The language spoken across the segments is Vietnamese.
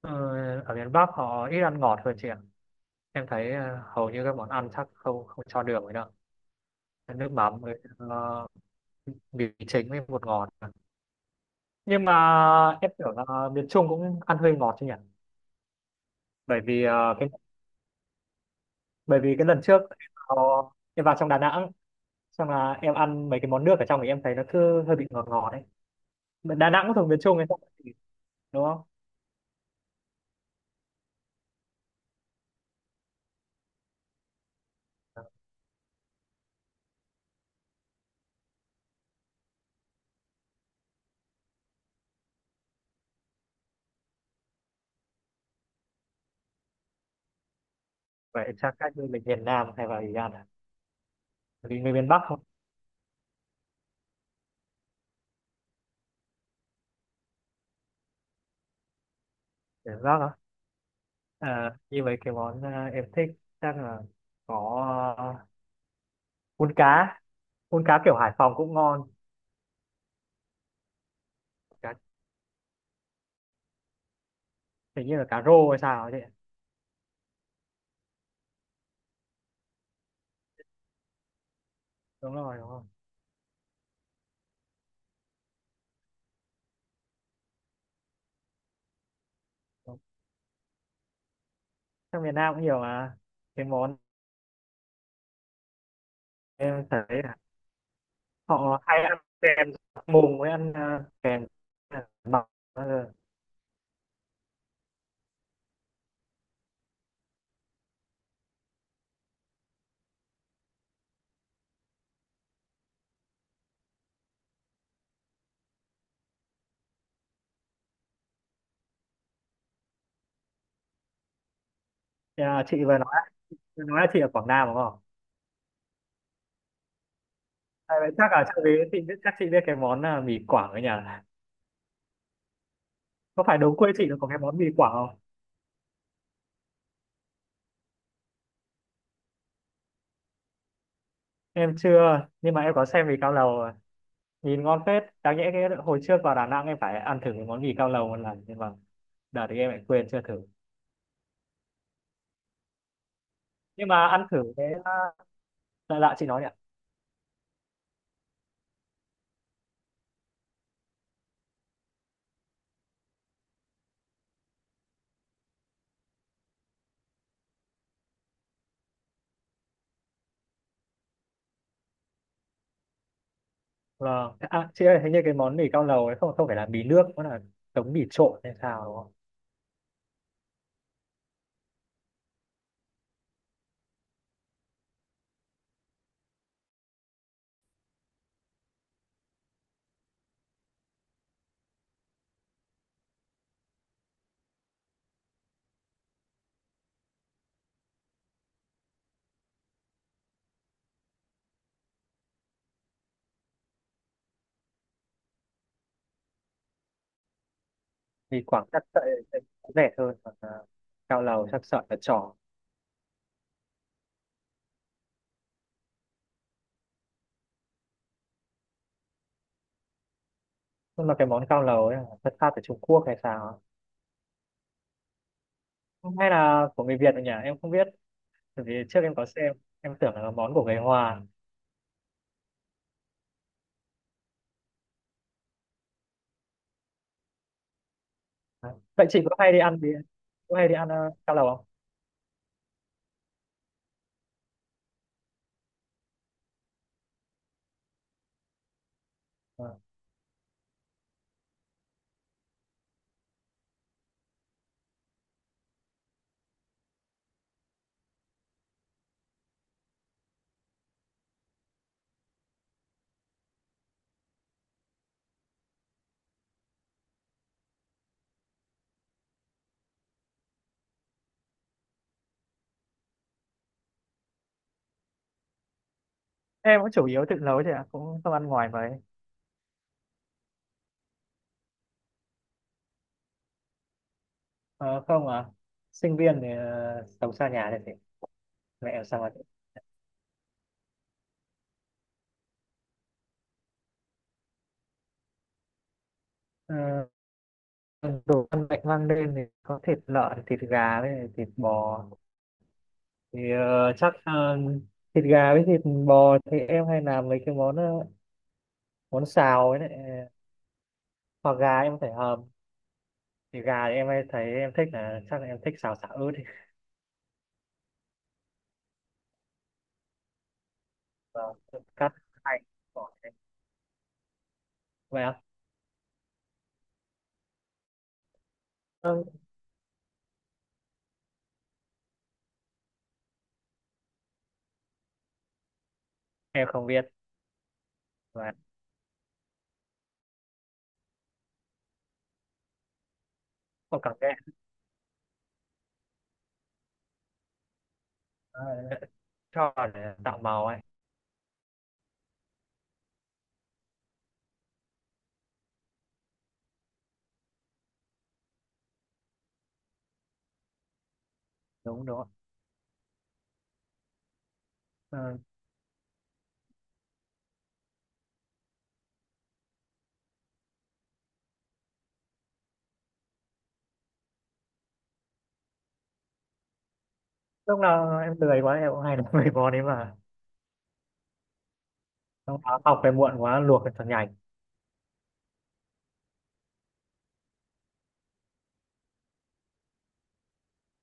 Ờ, Ở miền Bắc họ ít ăn ngọt hơn chị ạ. Em thấy hầu như các món ăn chắc không không cho đường ấy đâu. Nước mắm với mì chính với bột ngọt. Nhưng mà em tưởng là miền Trung cũng ăn hơi ngọt chứ nhỉ? Bởi vì ờ, cái Bởi vì cái lần trước em vào trong Đà Nẵng, xong là em ăn mấy cái món nước ở trong thì em thấy nó cứ hơi bị ngọt ngọt đấy. Mà Đà Nẵng cũng thuộc miền Trung hay sao, thì- đúng không? Vậy chắc cách như mình miền Nam hay vào gì ăn à? Vì người miền Bắc không? Miền Bắc à? À, như vậy cái món em thích chắc là có, à, cuốn cá cuốn cá kiểu Hải Phòng cũng ngon. Cá hình như là cá rô hay sao ấy chị. Đúng rồi, đúng rồi. Đúng. Sang miền Nam cũng nhiều mà, cái món em thấy là họ hay ăn kèm mùng với ăn, kèm mọc. À, chị vừa nói là chị ở Quảng Nam đúng không? À, vậy chắc là chắc chị biết cái món, mì Quảng ở nhà, có phải đúng quê chị nó có cái món mì Quảng không? Em chưa, nhưng mà em có xem mì cao lầu rồi. Nhìn ngon phết, đáng nhẽ cái hồi trước vào Đà Nẵng em phải ăn thử cái món mì cao lầu một lần nhưng mà đợt thì em lại quên chưa thử. Nhưng mà ăn thử cái lạ lạ chị nói nhỉ. Vâng à, chị ơi hình như cái món mì cao lầu ấy không không phải là mì nước, nó là giống mì trộn hay sao đúng không? Mì Quảng chắc sợi sẽ rẻ hơn, còn cao lầu chắc sợi là tròn. Nhưng mà cái món cao lầu ấy là xuất phát từ Trung Quốc hay sao á? Hay là của người Việt rồi nhỉ, em không biết. Bởi vì trước em có xem, em tưởng là món của người Hoa. Đấy. Vậy chị có hay đi ăn mì, có hay đi ăn cao lầu không? Vâng. Em cũng chủ yếu tự nấu thôi ạ, cũng không ăn ngoài mấy. Ờ, không à, sinh viên thì sống xa nhà thì phải, mẹ làm sao mà. Ờ, Đồ ăn mạnh mang lên thì có thịt lợn, thịt gà với thịt bò, thì thịt gà với thịt bò thì em hay làm mấy cái món, món xào ấy đấy. Hoặc gà em phải hầm, thì gà thì em hay thấy em thích là chắc là em thích xào sả ớt, thì cắt hành bỏ thế. Vậy ạ? Ừ, em không biết, và có cảm giác. Ờ, cho vào để tạo màu ấy. Đúng đúng. Ờ, lúc nào em lười quá em cũng hay làm mấy món đấy mà. Xong đó học về muộn quá luộc thật nhanh.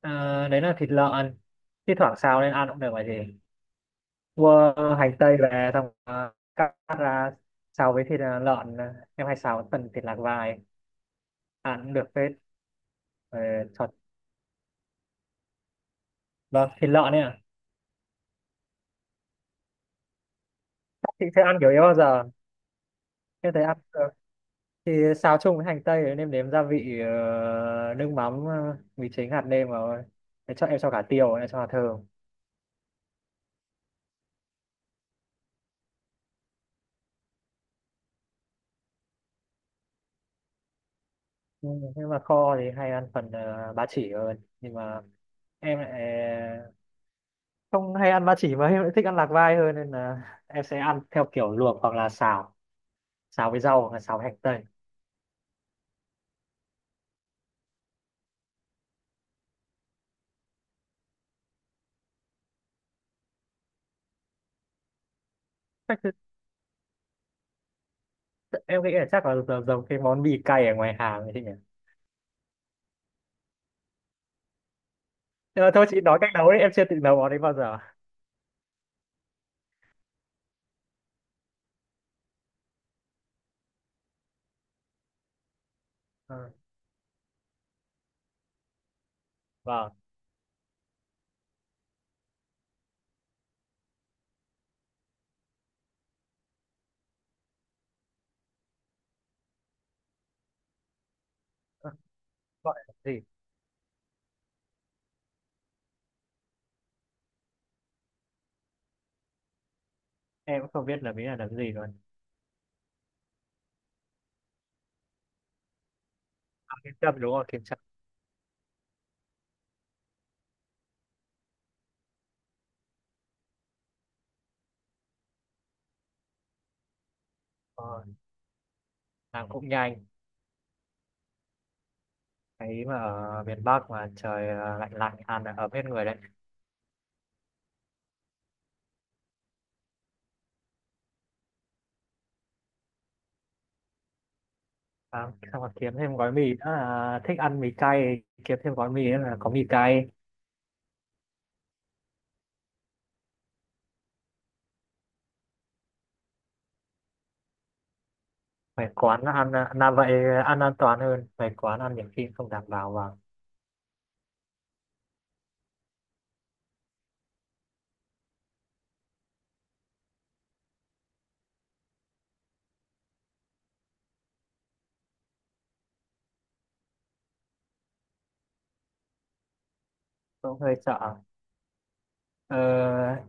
Ờ, đấy là thịt lợn, thi thoảng xào lên ăn cũng được, vậy gì, mua hành tây về xong cắt cắt ra, xào với thịt, lợn, em hay xào với phần thịt lạc vai ăn cũng được phết. Ờ, thật. Vâng thịt lợn ấy ạ. Chị sẽ ăn kiểu ấy bao giờ. Em thấy ăn ờ, thì xào chung với hành tây, nêm nếm gia vị, nước mắm, mì chính, hạt nêm vào. Thế cho em cho cả tiêu, em cho hạt thường. Ừ, nhưng mà kho thì hay ăn phần ba chỉ hơn, nhưng mà em lại ờ, không hay ăn ba chỉ mà em lại thích ăn lạc vai hơn, nên là em sẽ ăn theo kiểu luộc hoặc là xào, xào với rau hoặc là xào với hành tây. Em nghĩ là chắc là giống giống cái món mì cay ở ngoài hàng ấy chị nhỉ. Nhưng mà thôi chị nói cách nấu đấy, em chưa tự nấu món đấy bao giờ. Ờ, vâng. Ờ, gọi là gì? Em cũng không biết là mỹ là làm gì luôn. Kiếm Trâm đúng không, Kiếm Trâm. Ờ, làm cũng nhanh. Thấy mà ở miền Bắc mà trời à, lạnh lạnh ăn là ấm hết người đấy. À, xong rồi kiếm thêm gói mì nữa là thích ăn mì cay, kiếm thêm gói mì nữa là có mì cay. Về quán ăn là vậy, ăn an toàn hơn, về quán ăn nhiều khi không đảm bảo và cũng hơi sợ. Ờ,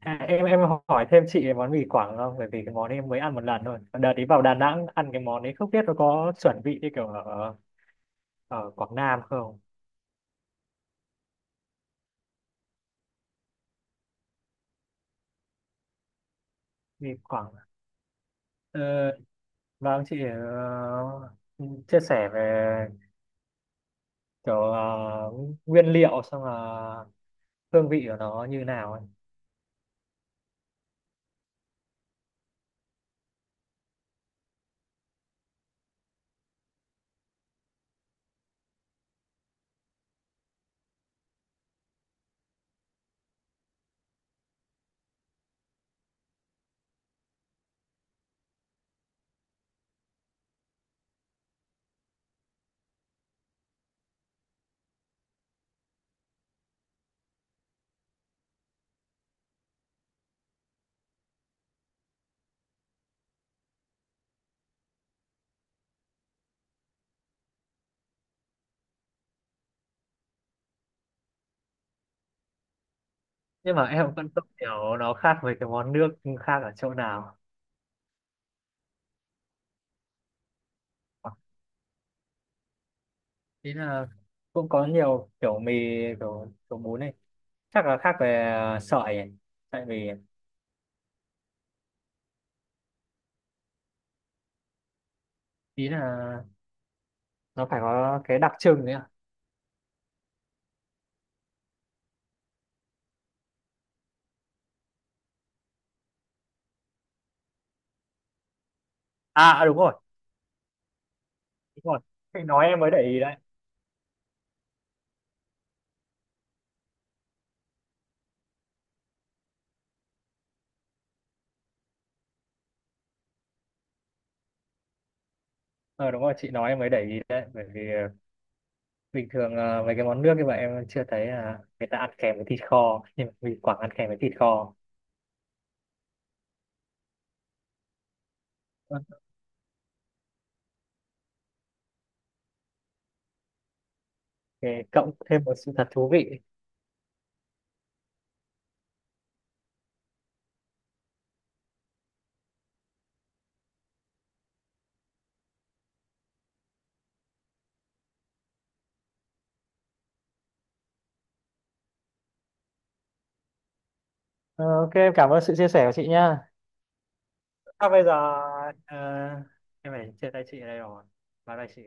à, em hỏi thêm chị về món mì Quảng không? Bởi vì cái món ấy em mới ăn một lần thôi. Đợt đi vào Đà Nẵng ăn cái món ấy không biết nó có chuẩn vị như kiểu ở ở Quảng Nam không? Mì Quảng. Ờ, vâng, chị chia sẻ về kiểu nguyên liệu, xong là hương vị của nó như nào ấy. Nhưng mà em vẫn không hiểu nó khác với cái món nước khác ở chỗ nào. Ý là cũng có nhiều kiểu mì, kiểu bún này. Chắc là khác về sợi ấy. Tại vì ý là nó phải có cái đặc trưng đấy ạ. À, à, đúng rồi. Chị nói em mới để ý đấy. Ờ, đúng rồi, chị nói em mới để ý đấy. Bởi vì bình thường à, mấy cái món nước như vậy em chưa thấy à, người ta ăn kèm với thịt kho, nhưng mà mình Quảng ăn kèm với thịt kho. OK, cộng thêm một sự thật thú vị. Ờ, OK em cảm ơn sự chia sẻ của chị nha. À, bây giờ à, em phải chia tay chị ở đây rồi, bye bye chị.